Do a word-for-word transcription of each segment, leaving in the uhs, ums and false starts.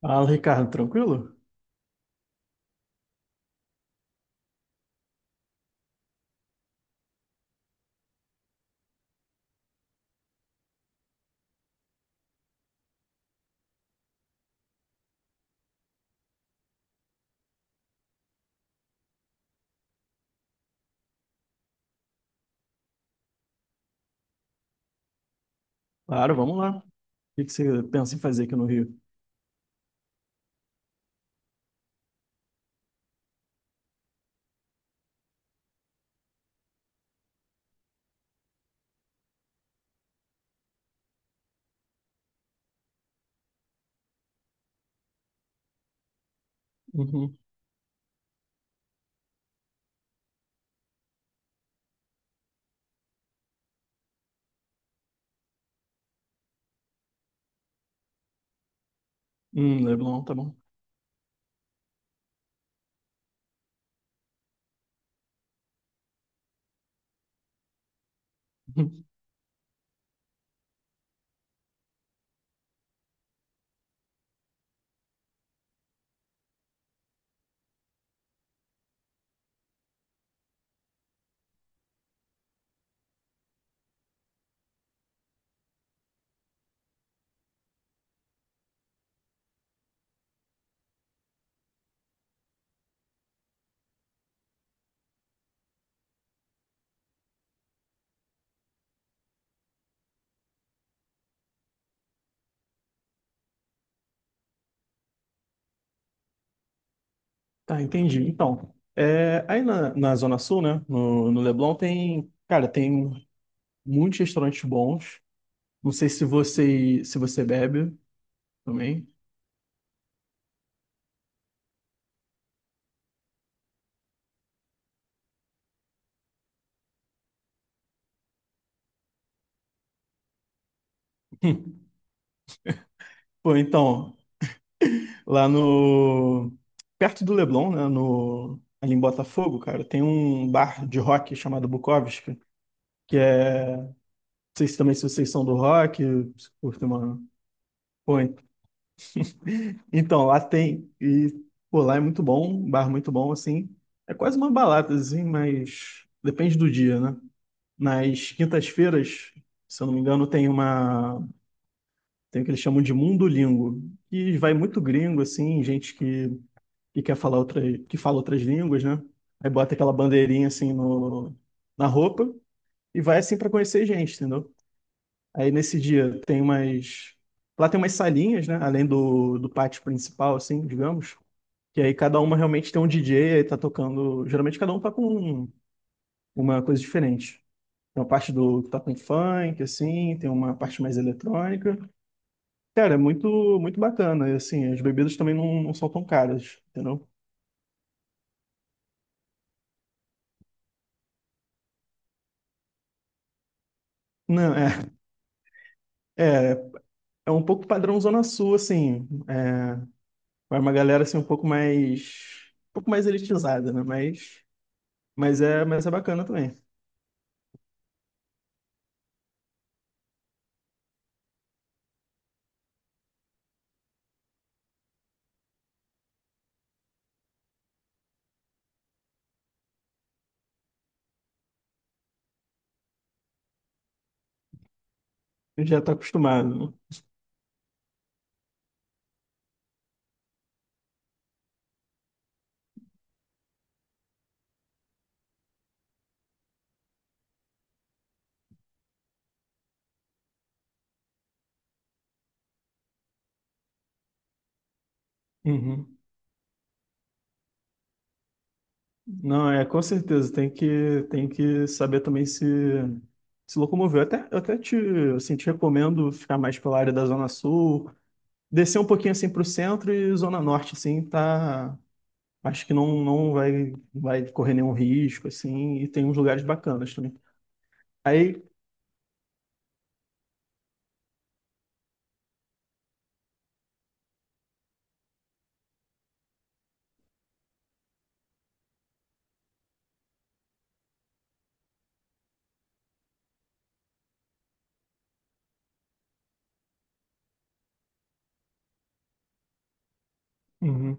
Fala, Ricardo, tranquilo? Claro, vamos lá. O que que você pensa em fazer aqui no Rio? Uhum. Hum, Leblon, tá bom. Uhum. Tá, entendi. Então, é, aí na, na Zona Sul, né, no, no Leblon tem, cara, tem muitos restaurantes bons. Não sei se você, se você bebe também. Hum. Pô, então, lá no, perto do Leblon, né, no, ali em Botafogo, cara, tem um bar de rock chamado Bukowski, que é, não sei se também se vocês são do rock, se curtem uma. Foi. Então, lá tem. E, pô, lá é muito bom, um bar muito bom, assim. É quase uma balada, assim, mas depende do dia, né? Nas quintas-feiras, se eu não me engano, tem uma. Tem o que eles chamam de Mundolingo. E vai muito gringo, assim, gente que, que, quer falar outra, que fala outras línguas, né? Aí bota aquela bandeirinha assim no, na roupa e vai assim para conhecer gente, entendeu? Aí nesse dia tem umas. Lá tem umas salinhas, né? Além do, do pátio principal, assim, digamos. Que aí cada uma realmente tem um D J, aí tá tocando. Geralmente cada um tá com uma coisa diferente. Tem uma parte do que tá com funk, assim, tem uma parte mais eletrônica. Cara, é muito, muito bacana. E assim, as bebidas também não, não são tão caras, entendeu? Não, é, é, é um pouco padrão Zona Sul, assim. É, vai uma galera assim um pouco mais, um pouco mais elitizada, né? Mas, mas é, mas é bacana também. A gente já tá acostumado, né? Uhum. Não, é com certeza, tem que, tem que, saber também se, se locomover. Eu até, eu até te, assim, te recomendo ficar mais pela área da Zona Sul, descer um pouquinho assim para o centro e Zona Norte, assim, tá. Acho que não, não vai, vai correr nenhum risco, assim, e tem uns lugares bacanas também. Aí. Uhum,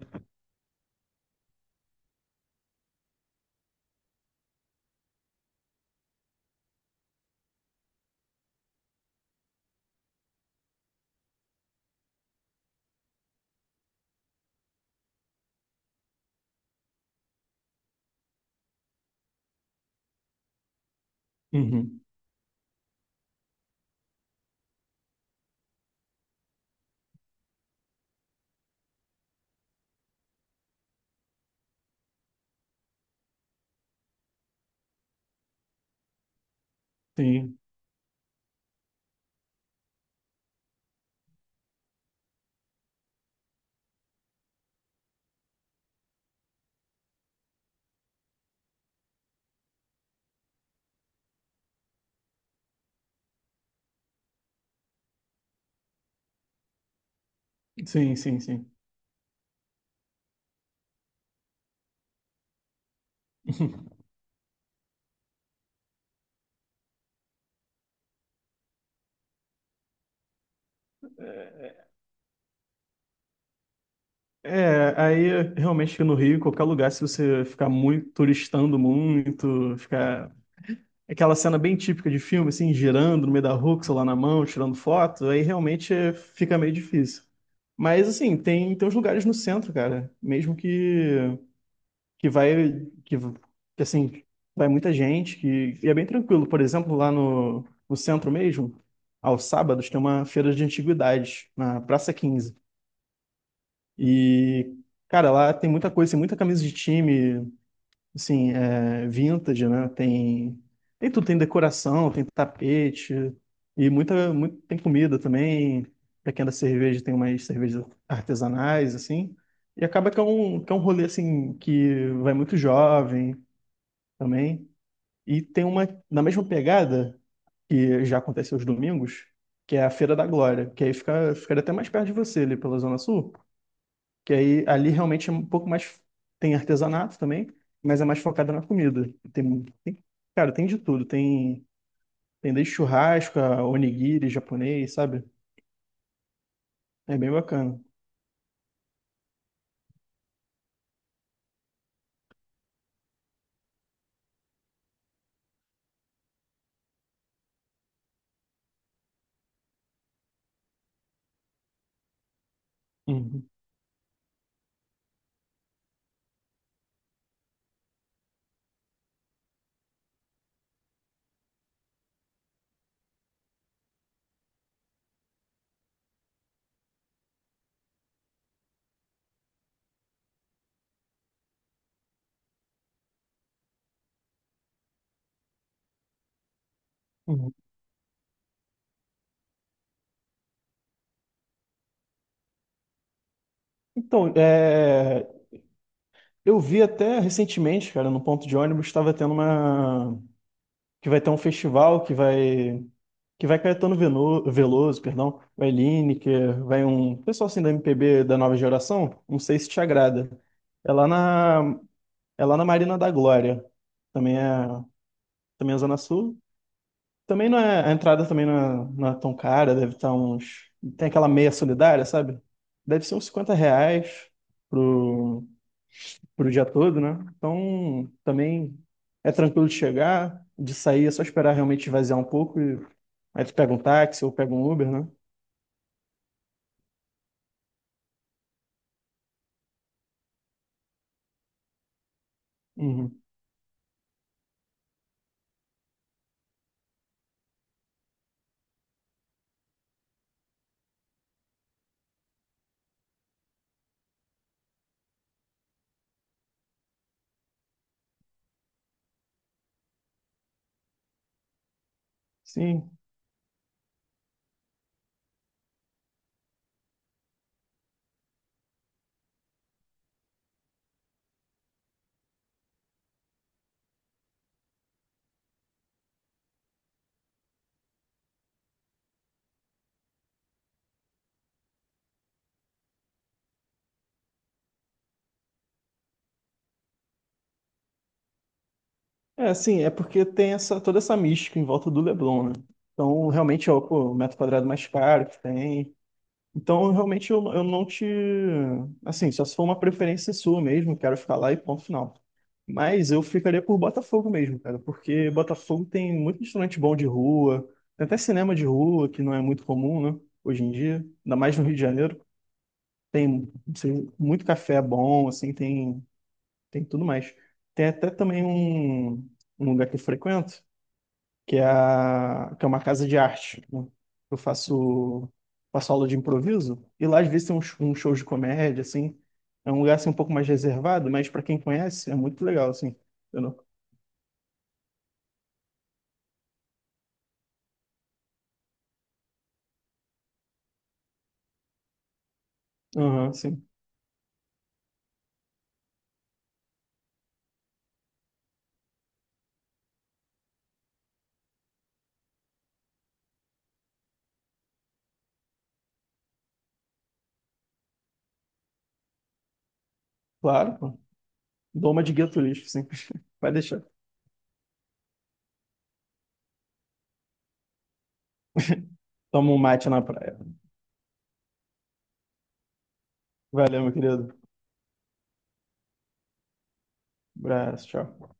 uhum, sim, sim, sim, sim. É, aí realmente no Rio, qualquer lugar, se você ficar muito turistando muito, ficar. Aquela cena bem típica de filme, assim, girando no meio da rua, com o celular na mão, tirando foto, aí realmente é, fica meio difícil. Mas, assim, tem, tem, uns lugares no centro, cara, mesmo que, que vai, que, que, assim, vai muita gente, que, e é bem tranquilo. Por exemplo, lá no, no centro mesmo, aos sábados, tem uma feira de antiguidades, na Praça Quinze. E, cara, lá tem muita coisa, tem muita camisa de time, assim, é, vintage, né? Tem, tem, tudo, tem decoração, tem tapete e muita, muito, tem comida também. Pra quem é da cerveja, tem umas cervejas artesanais, assim. E acaba que é um, que é um rolê, assim, que vai muito jovem também. E tem uma, na mesma pegada, que já acontece aos domingos, que é a Feira da Glória, que aí fica, fica, até mais perto de você, ali pela Zona Sul. Que aí ali realmente é um pouco mais. Tem artesanato também, mas é mais focada na comida. Tem, tem- cara, tem de tudo. Tem, tem desde churrasco, a onigiri japonês, sabe? É bem bacana. Uhum, uhum. Então, é, eu vi até recentemente, cara, no ponto de ônibus, estava tendo uma. Que vai ter um festival que vai. Que vai Caetano Veno- Veloso, perdão, vai Lineker, vai um pessoal assim da M P B da nova geração, não sei se te agrada. É lá na É lá na Marina da Glória. Também é, também é Zona Sul. Também não é, A entrada também não é, não é tão cara, deve estar uns. Tem aquela meia solidária, sabe? Deve ser uns cinquenta reais pro, pro dia todo, né? Então também é tranquilo de chegar, de sair, é só esperar realmente esvaziar um pouco e aí tu pega um táxi ou pega um Uber, né? Uhum. Sim. É sim, é porque tem essa, toda essa mística em volta do Leblon, né? Então, realmente é o, pô, o metro quadrado mais caro que tem. Então, realmente, eu, eu não te. Assim, só se for uma preferência sua mesmo, quero ficar lá e ponto final. Mas eu ficaria por Botafogo mesmo, cara, porque Botafogo tem muito restaurante bom de rua, tem até cinema de rua, que não é muito comum, né, hoje em dia, ainda mais no Rio de Janeiro. Tem, assim, muito café bom, assim, tem, tem, tudo mais. Tem até também um, um lugar que eu frequento, que é, a, que é uma casa de arte, né? Eu faço, faço, aula de improviso e lá às vezes tem uns, uns shows de comédia, assim. É um lugar assim, um pouco mais reservado, mas para quem conhece é muito legal, assim. Entendeu? Aham, sim. Claro, pô. Dou uma de gueto lixo, sim. Vai deixar. Toma um mate na praia. Valeu, meu querido. Abraço, tchau.